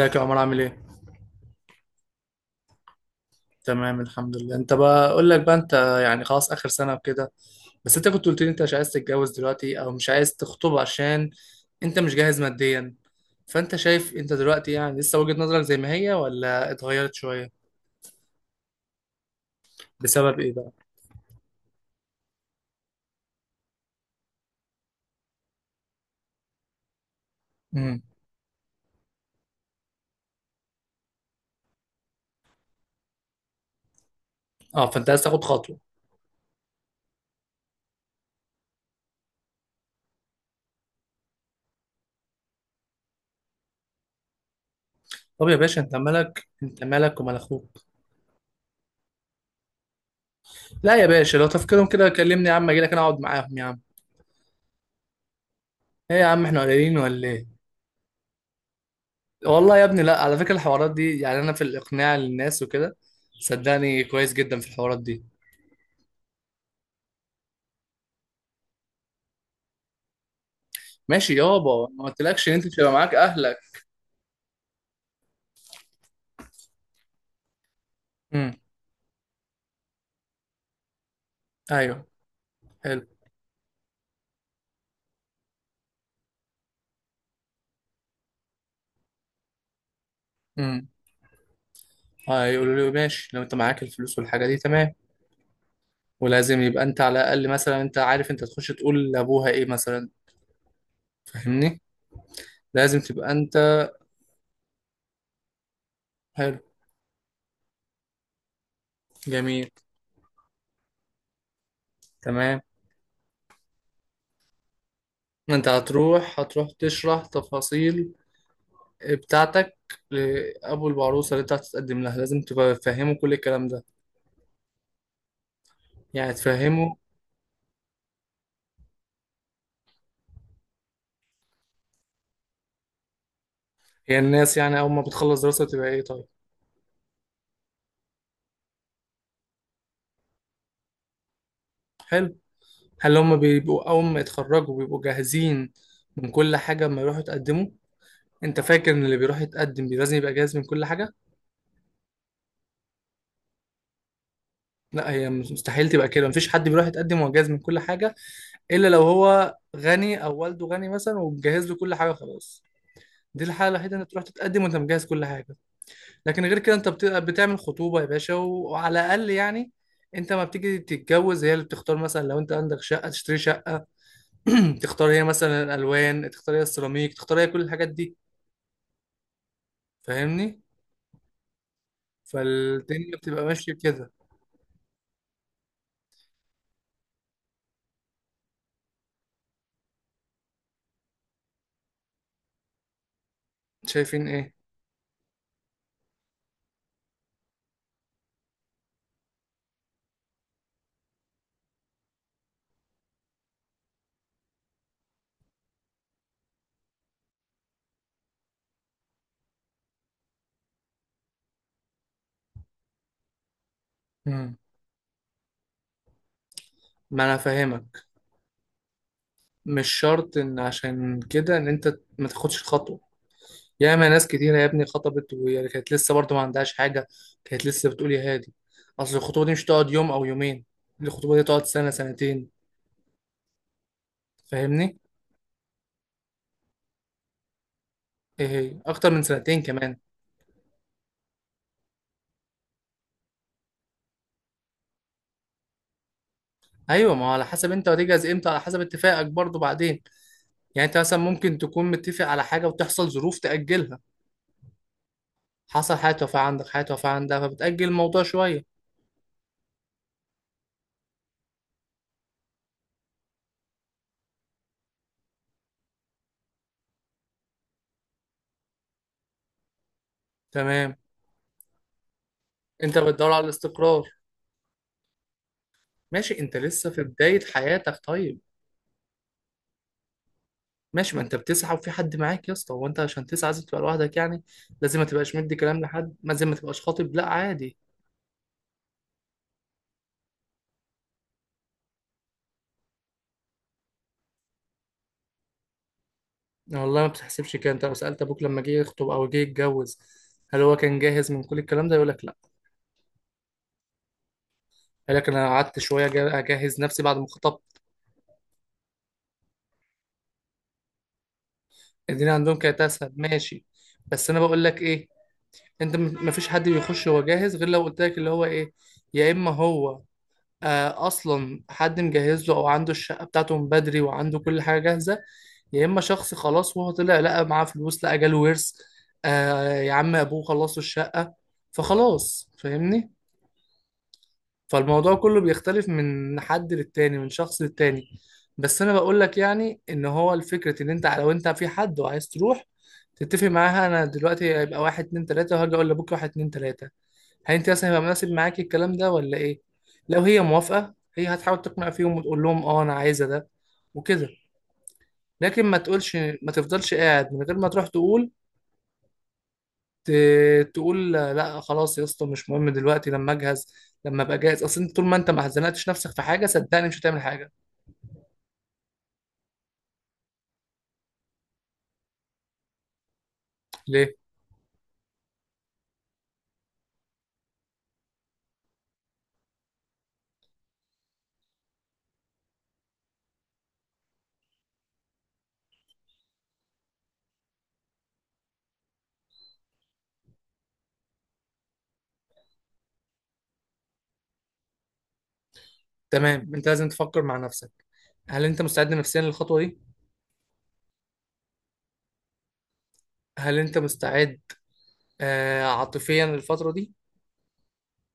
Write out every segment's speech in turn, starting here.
ازيك يا عمر؟ عامل ايه؟ تمام الحمد لله. انت بقى، اقول لك بقى، انت يعني خلاص اخر سنه وكده. بس انت كنت قلت لي انت مش عايز تتجوز دلوقتي او مش عايز تخطب عشان انت مش جاهز ماديا. فانت شايف انت دلوقتي يعني لسه وجهة نظرك زي ما هي ولا اتغيرت شويه؟ بسبب ايه بقى؟ امم اه، فانت عايز تاخد خطوه. طب يا باشا، انت مالك؟ انت مالك ومال اخوك؟ لا يا باشا، لو تفكيرهم كده كلمني يا عم، اجي لك انا اقعد معاهم يا عم. ايه يا عم، احنا قليلين ولا ايه؟ والله يا ابني لا، على فكرة الحوارات دي يعني انا في الاقناع للناس وكده، صدقني كويس جدا في الحوارات دي. ماشي يابا، ما قلتلكش ان انت مش هيبقى معاك اهلك. امم. ايوه. حلو. امم، اه، يقولوا له ماشي لو انت معاك الفلوس والحاجة دي تمام. ولازم يبقى انت على الاقل مثلا انت عارف انت تخش تقول لابوها ايه مثلا؟ فاهمني؟ لازم تبقى انت. حلو. جميل. تمام. انت هتروح، تشرح تفاصيل بتاعتك لابو العروسه اللي انت هتتقدم لها. لازم تبقى فاهمه كل الكلام ده. يعني تفهمه. هي الناس يعني أول ما بتخلص دراسة بتبقى إيه طيب؟ حلو. هل هم بيبقوا أول ما يتخرجوا بيبقوا جاهزين من كل حاجة أما يروحوا يتقدموا؟ أنت فاكر إن اللي بيروح يتقدم لازم يبقى جاهز من كل حاجة؟ لا، هي مستحيل تبقى كده. مفيش حد بيروح يتقدم وهو جاهز من كل حاجة، إلا لو هو غني أو والده غني مثلا ومجهز له كل حاجة خلاص. دي الحالة الوحيدة إنك تروح تتقدم وأنت مجهز كل حاجة. لكن غير كده أنت بتعمل خطوبة يا باشا، وعلى الأقل يعني انت ما بتيجي تتجوز هي اللي بتختار. مثلا لو انت عندك شقه تشتري شقه، تختار هي مثلا الالوان، تختار هي السيراميك، تختار هي كل الحاجات دي. فاهمني؟ فالدنيا بتبقى ماشيه كده. شايفين ايه؟ مم. ما انا فاهمك. مش شرط ان عشان كده ان انت ما تاخدش الخطوه. ياما ناس كتيره يا ابني خطبت وهي كانت لسه برضه ما عندهاش حاجه، كانت لسه بتقول يا هادي. اصل الخطوبه دي مش تقعد يوم او يومين، الخطوبه دي تقعد سنه سنتين. فاهمني؟ ايه هي، اكتر من سنتين كمان. ايوه، ما هو على حسب انت هتجهز امتى، على حسب اتفاقك برضه بعدين. يعني انت مثلا ممكن تكون متفق على حاجه وتحصل ظروف تاجلها. حصل حاجه توفاه عندك، حاجه توفاه عندها، فبتاجل الموضوع شويه. تمام. انت بتدور على الاستقرار. ماشي، انت لسه في بدايه حياتك طيب. ماشي، ما انت بتسعى وفي حد معاك يا اسطى. هو انت عشان تسعى لازم تبقى لوحدك يعني؟ لازم ما تبقاش مدي كلام لحد، ما زي ما تبقاش خاطب؟ لا عادي. والله ما بتحسبش كده. انت لو سالت ابوك لما جه يخطب او جه يتجوز، هل هو كان جاهز من كل الكلام ده؟ يقول لك لا. قال لك انا قعدت شويه اجهز نفسي بعد ما خطبت. الدنيا عندهم كانت اسهل، ماشي. بس انا بقول لك ايه، انت مفيش حد بيخش هو جاهز، غير لو قلت لك اللي هو ايه، يا اما هو آه اصلا حد مجهز له، او عنده الشقه بتاعته من بدري وعنده كل حاجه جاهزه، يا اما شخص خلاص وهو طلع لقى معاه فلوس، لقى جاله ورث، آه يا عم ابوه خلص له الشقه، فخلاص. فاهمني؟ فالموضوع كله بيختلف من حد للتاني، من شخص للتاني. بس انا بقول لك يعني، ان هو الفكرة ان انت لو انت في حد وعايز تروح تتفق معاها، انا دلوقتي هيبقى واحد اتنين تلاتة وهاجي اقول لبكره واحد اتنين تلاتة. هل انت مثلا هيبقى مناسب معاكي الكلام ده ولا ايه؟ لو هي موافقة هي هتحاول تقنع فيهم وتقول لهم اه انا عايزة ده وكده. لكن ما تقولش، ما تفضلش قاعد من غير ما تروح تقول. تقول لا خلاص يا اسطى مش مهم دلوقتي، لما اجهز، لما ابقى جاهز. اصل انت طول ما انت ما حزنتش نفسك في حاجه، صدقني مش هتعمل حاجه. ليه؟ تمام، انت لازم تفكر مع نفسك. هل انت مستعد نفسيا للخطوه دي؟ هل انت مستعد آه عاطفيا للفتره دي؟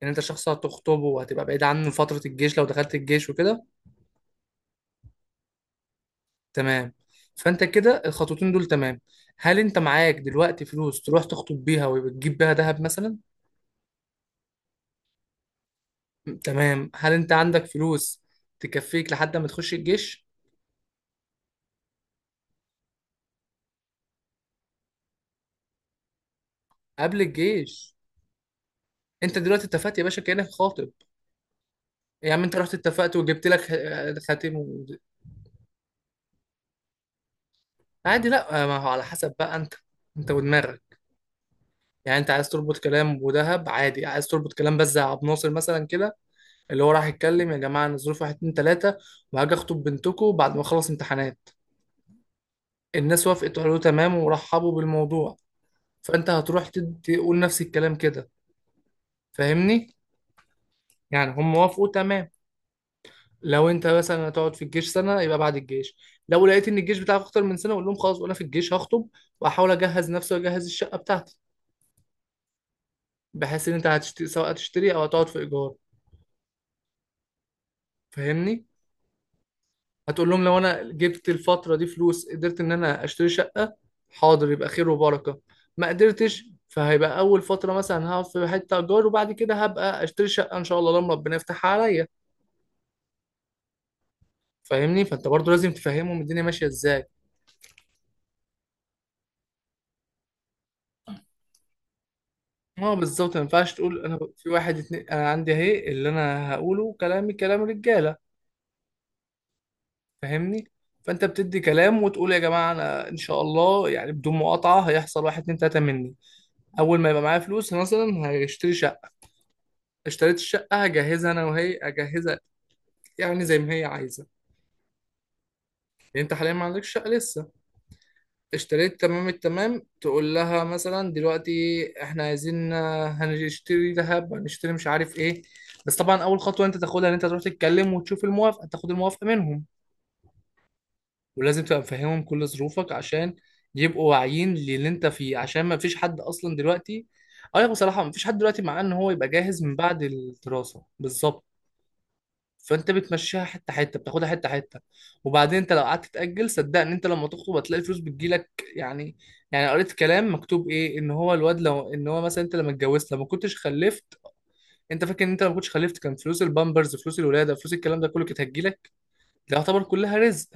ان انت شخص هتخطبه وهتبقى بعيد عنه فتره الجيش لو دخلت الجيش وكده. تمام. فانت كده الخطوتين دول تمام. هل انت معاك دلوقتي فلوس تروح تخطب بيها وتجيب بيها ذهب مثلا؟ تمام. هل انت عندك فلوس تكفيك لحد ما تخش الجيش؟ قبل الجيش. انت دلوقتي اتفقت يا باشا كأنك خاطب. يا عم انت رحت اتفقت وجبت لك خاتم و... عادي. لا، ما هو على حسب بقى انت، انت ودماغك. يعني انت عايز تربط كلام ودهب، عادي. عايز تربط كلام بس، زي عبد الناصر مثلا كده، اللي هو راح يتكلم يا جماعه انا ظروف واحد اتنين تلاته وهاجي اخطب بنتكم بعد ما اخلص امتحانات. الناس وافقت وقالوا تمام ورحبوا بالموضوع. فانت هتروح تقول نفس الكلام كده. فاهمني؟ يعني هم وافقوا تمام. لو انت مثلا هتقعد في الجيش سنه يبقى بعد الجيش، لو لقيت ان الجيش بتاعك اكتر من سنه اقول لهم خلاص وانا في الجيش هخطب واحاول اجهز نفسي واجهز الشقه بتاعتي. بحيث ان انت هتشتري، سواء هتشتري او هتقعد في ايجار. فاهمني؟ هتقول لهم لو انا جبت الفتره دي فلوس قدرت ان انا اشتري شقه، حاضر يبقى خير وبركه. ما قدرتش، فهيبقى اول فتره مثلا هقعد في حته ايجار، وبعد كده هبقى اشتري شقه ان شاء الله لما ربنا يفتحها عليا. فاهمني؟ فانت برضو لازم تفهمهم الدنيا ماشيه ازاي. اه بالظبط، ما ينفعش تقول انا في واحد اتنين انا عندي اهي اللي انا هقوله كلامي كلام رجاله. فاهمني؟ فانت بتدي كلام وتقول يا جماعه انا ان شاء الله يعني بدون مقاطعه هيحصل واحد اتنين تلاته مني. اول ما يبقى معايا فلوس مثلا هشتري شقه، اشتريت الشقه هجهزها انا وهي اجهزها، يعني زي ما هي عايزه. يعني انت حاليا ما عندكش شقه لسه. اشتريت، تمام التمام. تقول لها مثلا دلوقتي احنا عايزين هنشتري ذهب، هنشتري مش عارف ايه. بس طبعا اول خطوه انت تاخدها ان انت تروح تتكلم وتشوف الموافقه، تاخد الموافقه منهم. ولازم تبقى مفهمهم كل ظروفك عشان يبقوا واعيين للي انت فيه، عشان ما فيش حد اصلا دلوقتي. ايوه بصراحه ما فيش حد دلوقتي مع ان هو يبقى جاهز من بعد الدراسه بالظبط. فانت بتمشيها حته حته، بتاخدها حته حته. وبعدين انت لو قعدت تاجل، صدقني انت لما تخطب هتلاقي الفلوس بتجيلك يعني. يعني قريت كلام مكتوب ايه، ان هو الواد لو ان هو مثلا، انت لما اتجوزت، لما كنتش خلفت، انت فاكر ان انت لما كنتش خلفت كان فلوس البامبرز، فلوس الولاده، فلوس الكلام ده كله كانت هتجيلك؟ ده يعتبر كلها رزق.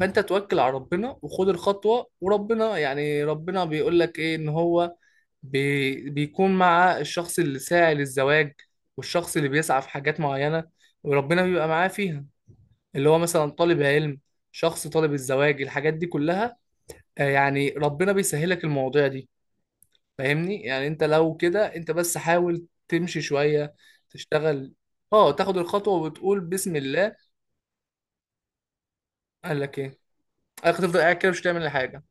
فانت توكل على ربنا وخد الخطوه، وربنا يعني ربنا بيقول لك ايه، ان هو بي بيكون مع الشخص اللي ساعي للزواج، والشخص اللي بيسعى في حاجات معينه وربنا بيبقى معاه فيها. اللي هو مثلا طالب علم، شخص طالب الزواج، الحاجات دي كلها يعني ربنا بيسهلك المواضيع دي. فاهمني؟ يعني انت لو كده انت بس حاول تمشي شوية، تشتغل. اه، تاخد الخطوة وتقول بسم الله. قال لك ايه؟ قال لك تفضل قاعد كده مش هتعمل حاجة.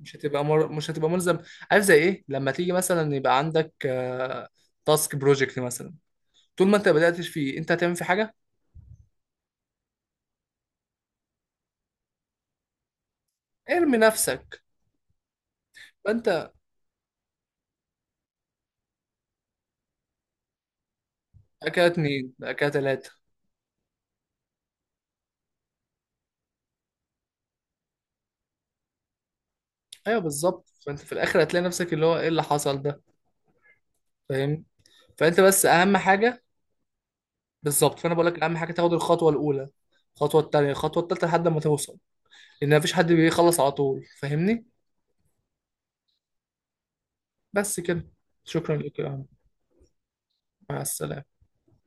مش هتبقى ملزم. عارف زي ايه؟ لما تيجي مثلا يبقى عندك تاسك بروجكت مثلا، طول ما انت بدأتش فيه انت هتعمل في حاجة. ارمي نفسك. فانت بقى كده اتنين، بقى كده تلاتة. ايوه بالظبط، فانت في الاخر هتلاقي نفسك اللي هو ايه اللي حصل ده. فاهم؟ فانت بس اهم حاجه، بالظبط، فانا بقول لك اهم حاجه تاخد الخطوه الاولى، الخطوه الثانيه، الخطوه الثالثه لحد ما توصل. لان مفيش حد بيخلص على طول. فاهمني؟ بس كده. شكرا لك يا عم. مع السلامه.